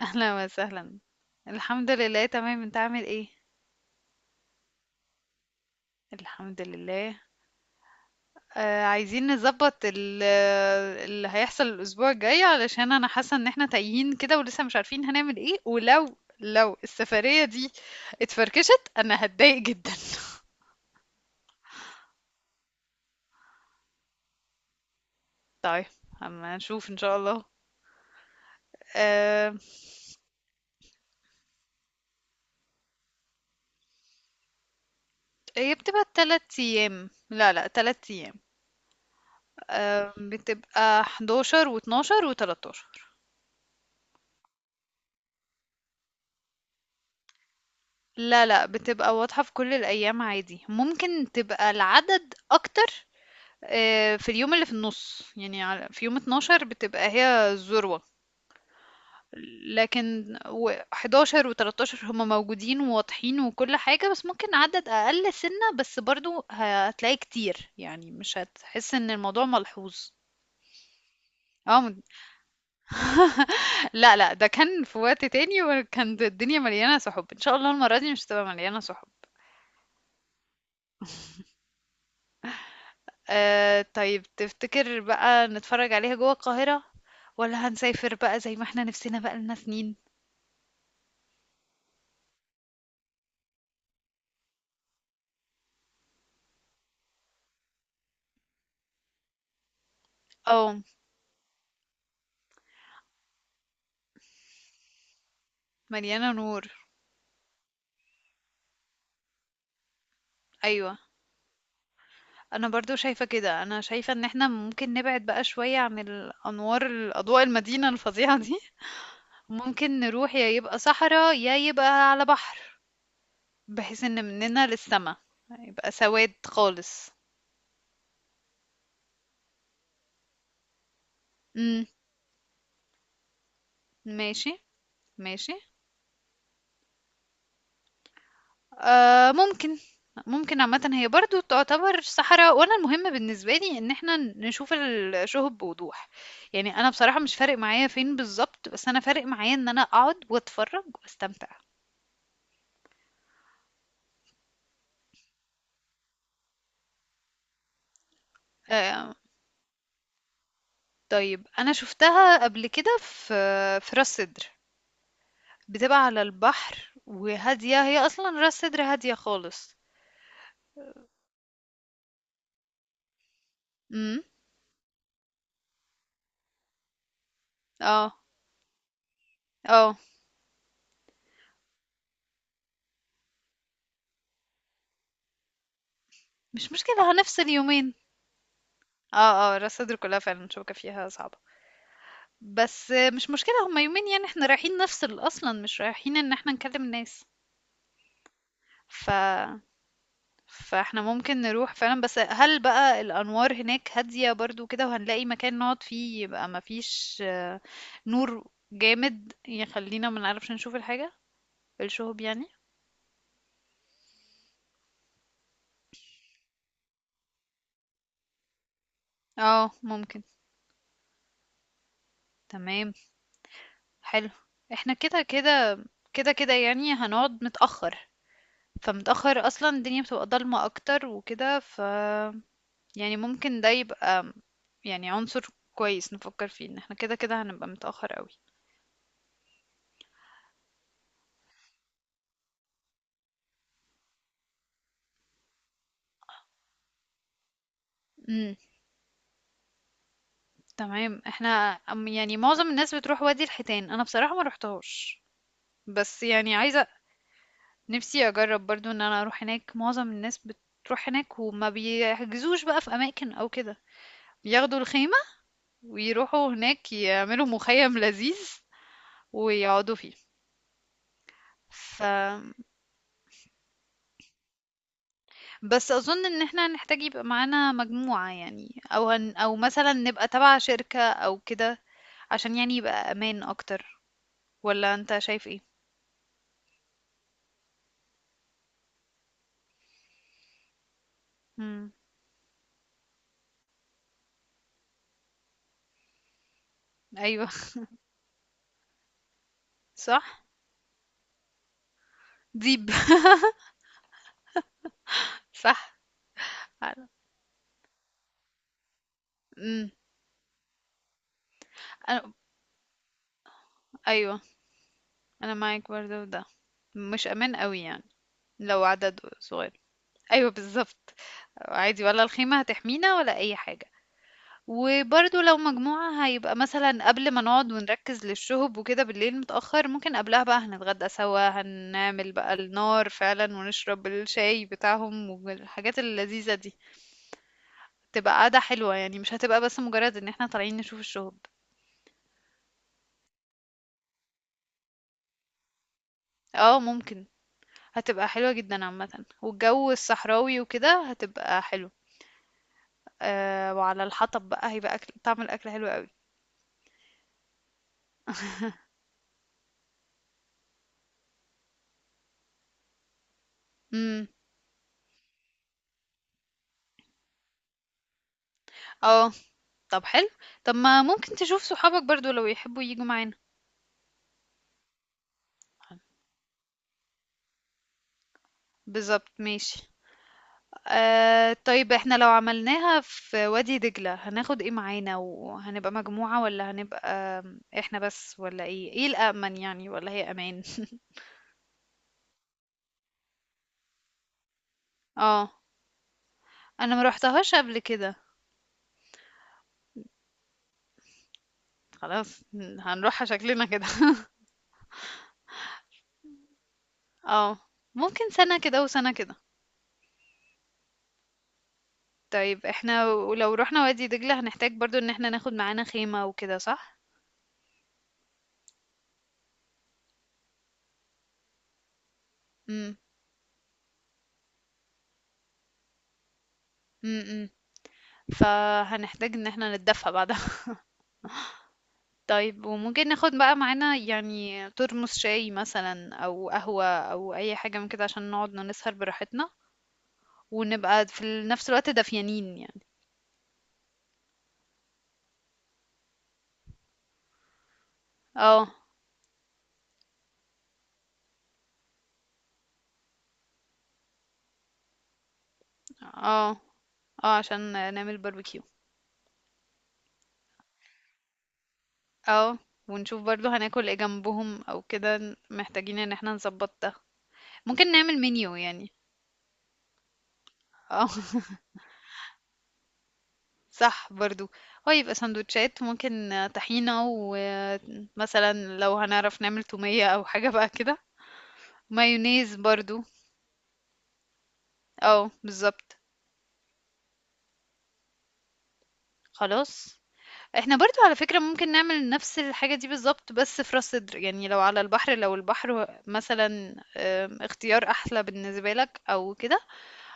اهلا وسهلا. الحمد لله تمام، انت عامل ايه؟ الحمد لله. عايزين نظبط اللي هيحصل الاسبوع الجاي، علشان انا حاسه ان احنا تايهين كده ولسه مش عارفين هنعمل ايه، ولو لو السفريه دي اتفركشت انا هتضايق جدا. طيب، اما نشوف ان شاء الله. آه، هي بتبقى تلات ايام، لا لا، تلات ايام. آه، بتبقى 11 و12 و13. لا، لأ، بتبقى واضحة في كل الأيام عادي، ممكن تبقى العدد أكتر في اليوم اللي في النُص، يعني على في يوم 12 بتبقى هي الذروة، لكن و11 و13 هُم موجودين وواضحين وكل حاجة، بس ممكن عدد أقل سِنّة، بس برضه هتلاقيه كتير، يعني مش هتحس إن الموضوع ملحوظ. آه، م لأ، لأ، ده كان في وقت تاني وكانت الدنيا مليانة سُحُب، إن شاء الله المرّة دي مش هتبقى مليانة سُحُب. آه، طيب تفتكر بقى نتفرج عليها جوه القاهرة ولا هنسافر بقى زي ما احنا نفسنا بقى لنا سنين؟ اه، مليانة نور. ايوه، انا برضو شايفة كده، انا شايفة ان احنا ممكن نبعد بقى شوية عن الانوار، الاضواء المدينة الفظيعة دي. ممكن نروح، يا يبقى صحراء يا يبقى على بحر، بحيث ان مننا للسما يبقى سواد خالص. امم. ماشي. ماشي. آه، ممكن عامة هي برضو تعتبر صحراء، وانا المهم بالنسبة لي ان احنا نشوف الشهب بوضوح، يعني انا بصراحة مش فارق معايا فين بالظبط، بس انا فارق معايا ان انا اقعد واتفرج واستمتع. آه، طيب انا شفتها قبل كده في راس سدر، بتبقى على البحر وهادية، هي اصلا راس سدر هادية خالص. امم. اه. اه، مش مشكلة، هنفصل يومين. اه، اه، راس سدر كلها فعلا شوكة فيها صعبة، بس مش مشكلة، هما يومين يعني، احنا رايحين نفصل اصلا، مش رايحين ان احنا نكلم الناس. ف فاحنا ممكن نروح فعلا، بس هل بقى الانوار هناك هادية برضو كده وهنلاقي مكان نقعد فيه يبقى مفيش نور جامد يخلينا ما نعرفش نشوف الحاجة، الشهب يعني. اه، ممكن. تمام. حلو. احنا كده كده يعني هنقعد متأخر، فمتأخر اصلا الدنيا بتبقى ضلمة اكتر وكده، يعني ممكن ده يبقى يعني عنصر كويس نفكر فيه، ان احنا كده كده هنبقى متأخر قوي. امم. تمام. احنا يعني معظم الناس بتروح وادي الحيتان، انا بصراحة ما روحتهاش، بس يعني عايزة، نفسي اجرب برضو ان انا اروح هناك. معظم الناس بتروح هناك وما بيحجزوش بقى في اماكن او كده، ياخدوا الخيمة ويروحوا هناك يعملوا مخيم لذيذ ويقعدوا فيه. ف بس اظن ان احنا هنحتاج يبقى معانا مجموعة يعني، او هن او مثلا نبقى تبع شركة او كده، عشان يعني يبقى امان اكتر. ولا انت شايف ايه؟ امم. ايوه. صح. ديب. صح. امم. أنا... ايوه، انا معاك برضه في ده، مش امان قوي يعني، لو عدد صغير. ايوه بالظبط، عادي ولا الخيمة هتحمينا ولا اي حاجة. وبرضه لو مجموعة هيبقى مثلًا قبل ما نقعد ونركّز للشُّهب وكده بالليل متأخّر، ممكن قبلها بقى هنتغدّى سوا، هنعمل بقى النار فعلًا ونشرب الشاي بتاعهم والحاجات اللذيذة دي، تبقى قعدة حلوة يعني، مش هتبقى بس مجرّد إن إحنا طالعين نشوف الشُّهب. آه ممكن، هتبقى حلوة جدًا عامةً، والجو الصحراوي وكده هتبقى حلو. وعلى الحطب بقى هيبقى أكل، طعم الأكل حلو أوي. إمم. آه. طب حلو، طب ما ممكن تشوف صحابك برضه لو يحبّوا ييجوا معانا. بالضبط، ماشي. آه، طيب احنا لو عملناها في وادي دجلة هناخد ايه معانا، وهنبقى مجموعة ولا هنبقى احنا بس، ولا ايه، ايه الأأمن يعني، ولا هي أمان؟ اه، انا ما روحتهاش قبل كده. خلاص، هنروحها شكلنا كده. اه ممكن، سنة كده وسنة كده. طيب، احنا ولو رحنا وادي دجلة هنحتاج برضو ان احنا ناخد معانا خيمة وكده، صح؟ امم. امم. فهنحتاج ان احنا نتدفى بعد. طيب، وممكن ناخد بقى معانا يعني ترمس شاي مثلا او قهوة او اي حاجة من كده، عشان نقعد نسهر براحتنا، ونبقى في نفس الوقت دافيانين يعني. اه. اه، اه عشان نعمل باربيكيو. اه، ونشوف برضو هناكل ايه جنبهم او كده، محتاجين ان احنا نظبط ده، ممكن نعمل منيو يعني. اه. صح برضو، هو يبقى سندوتشات ممكن، طحينة، ومثلا لو هنعرف نعمل تومية او حاجة بقى كده، مايونيز برضو. اه بالظبط. خلاص، إحنا برضه على فكرة ممكن نعمل نفس الحاجة دي بالضبط بس في راس سدر، يعني لو على البحر، لو البحر مثلًا، اختيار أحلى بالنسبة لك أو كده،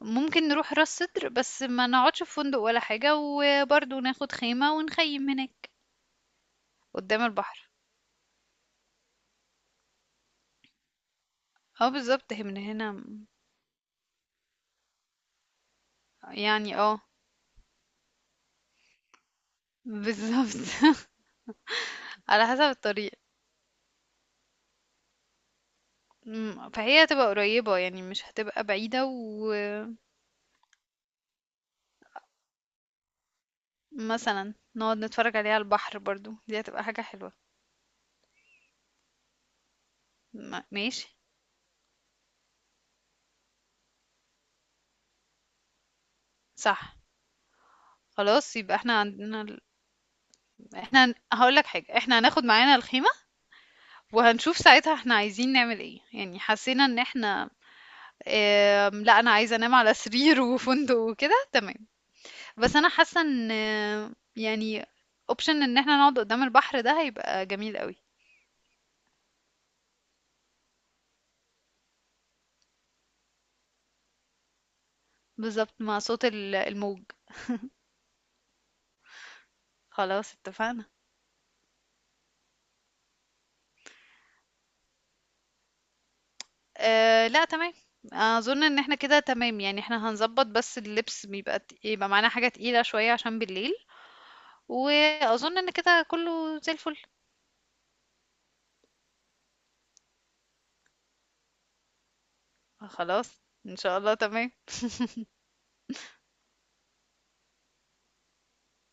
ممكن نروح راس سدر بس ما نقعدش في فندق ولا حاجة، وبرضه ناخد خيمة ونخيم هناك قدام البحر. آه بالضبط، هي من هنا يعني بالضبط. على حسب الطريق. إمم، فهي هتبقى قريبة يعني مش هتبقى بعيدة، ومثلًا نقعد نتفرج عليها على البحر برضه، دي هتبقى حاجة حلوة. ماشي. صح. خلاص، يبقى احنا عندنا احنا هقولك حاجة، احنا هناخد معانا الخيمة وهنشوف ساعتها احنا عايزين نعمل ايه، يعني حسينا ان احنا لا، انا عايزة انام على سرير وفندق وكده تمام، بس انا حاسة ان يعني اوبشن ان احنا نقعد قدام البحر ده هيبقى جميل قوي. بالظبط، مع صوت الموج. خلاص اتفقنا. اه لا، تمام. اظن ان احنا كده تمام يعني، احنا هنظبط، بس اللبس بيبقى يبقى معانا حاجة تقيلة شوية عشان بالليل، واظن ان كده كله زي الفل. خلاص ان شاء الله تمام.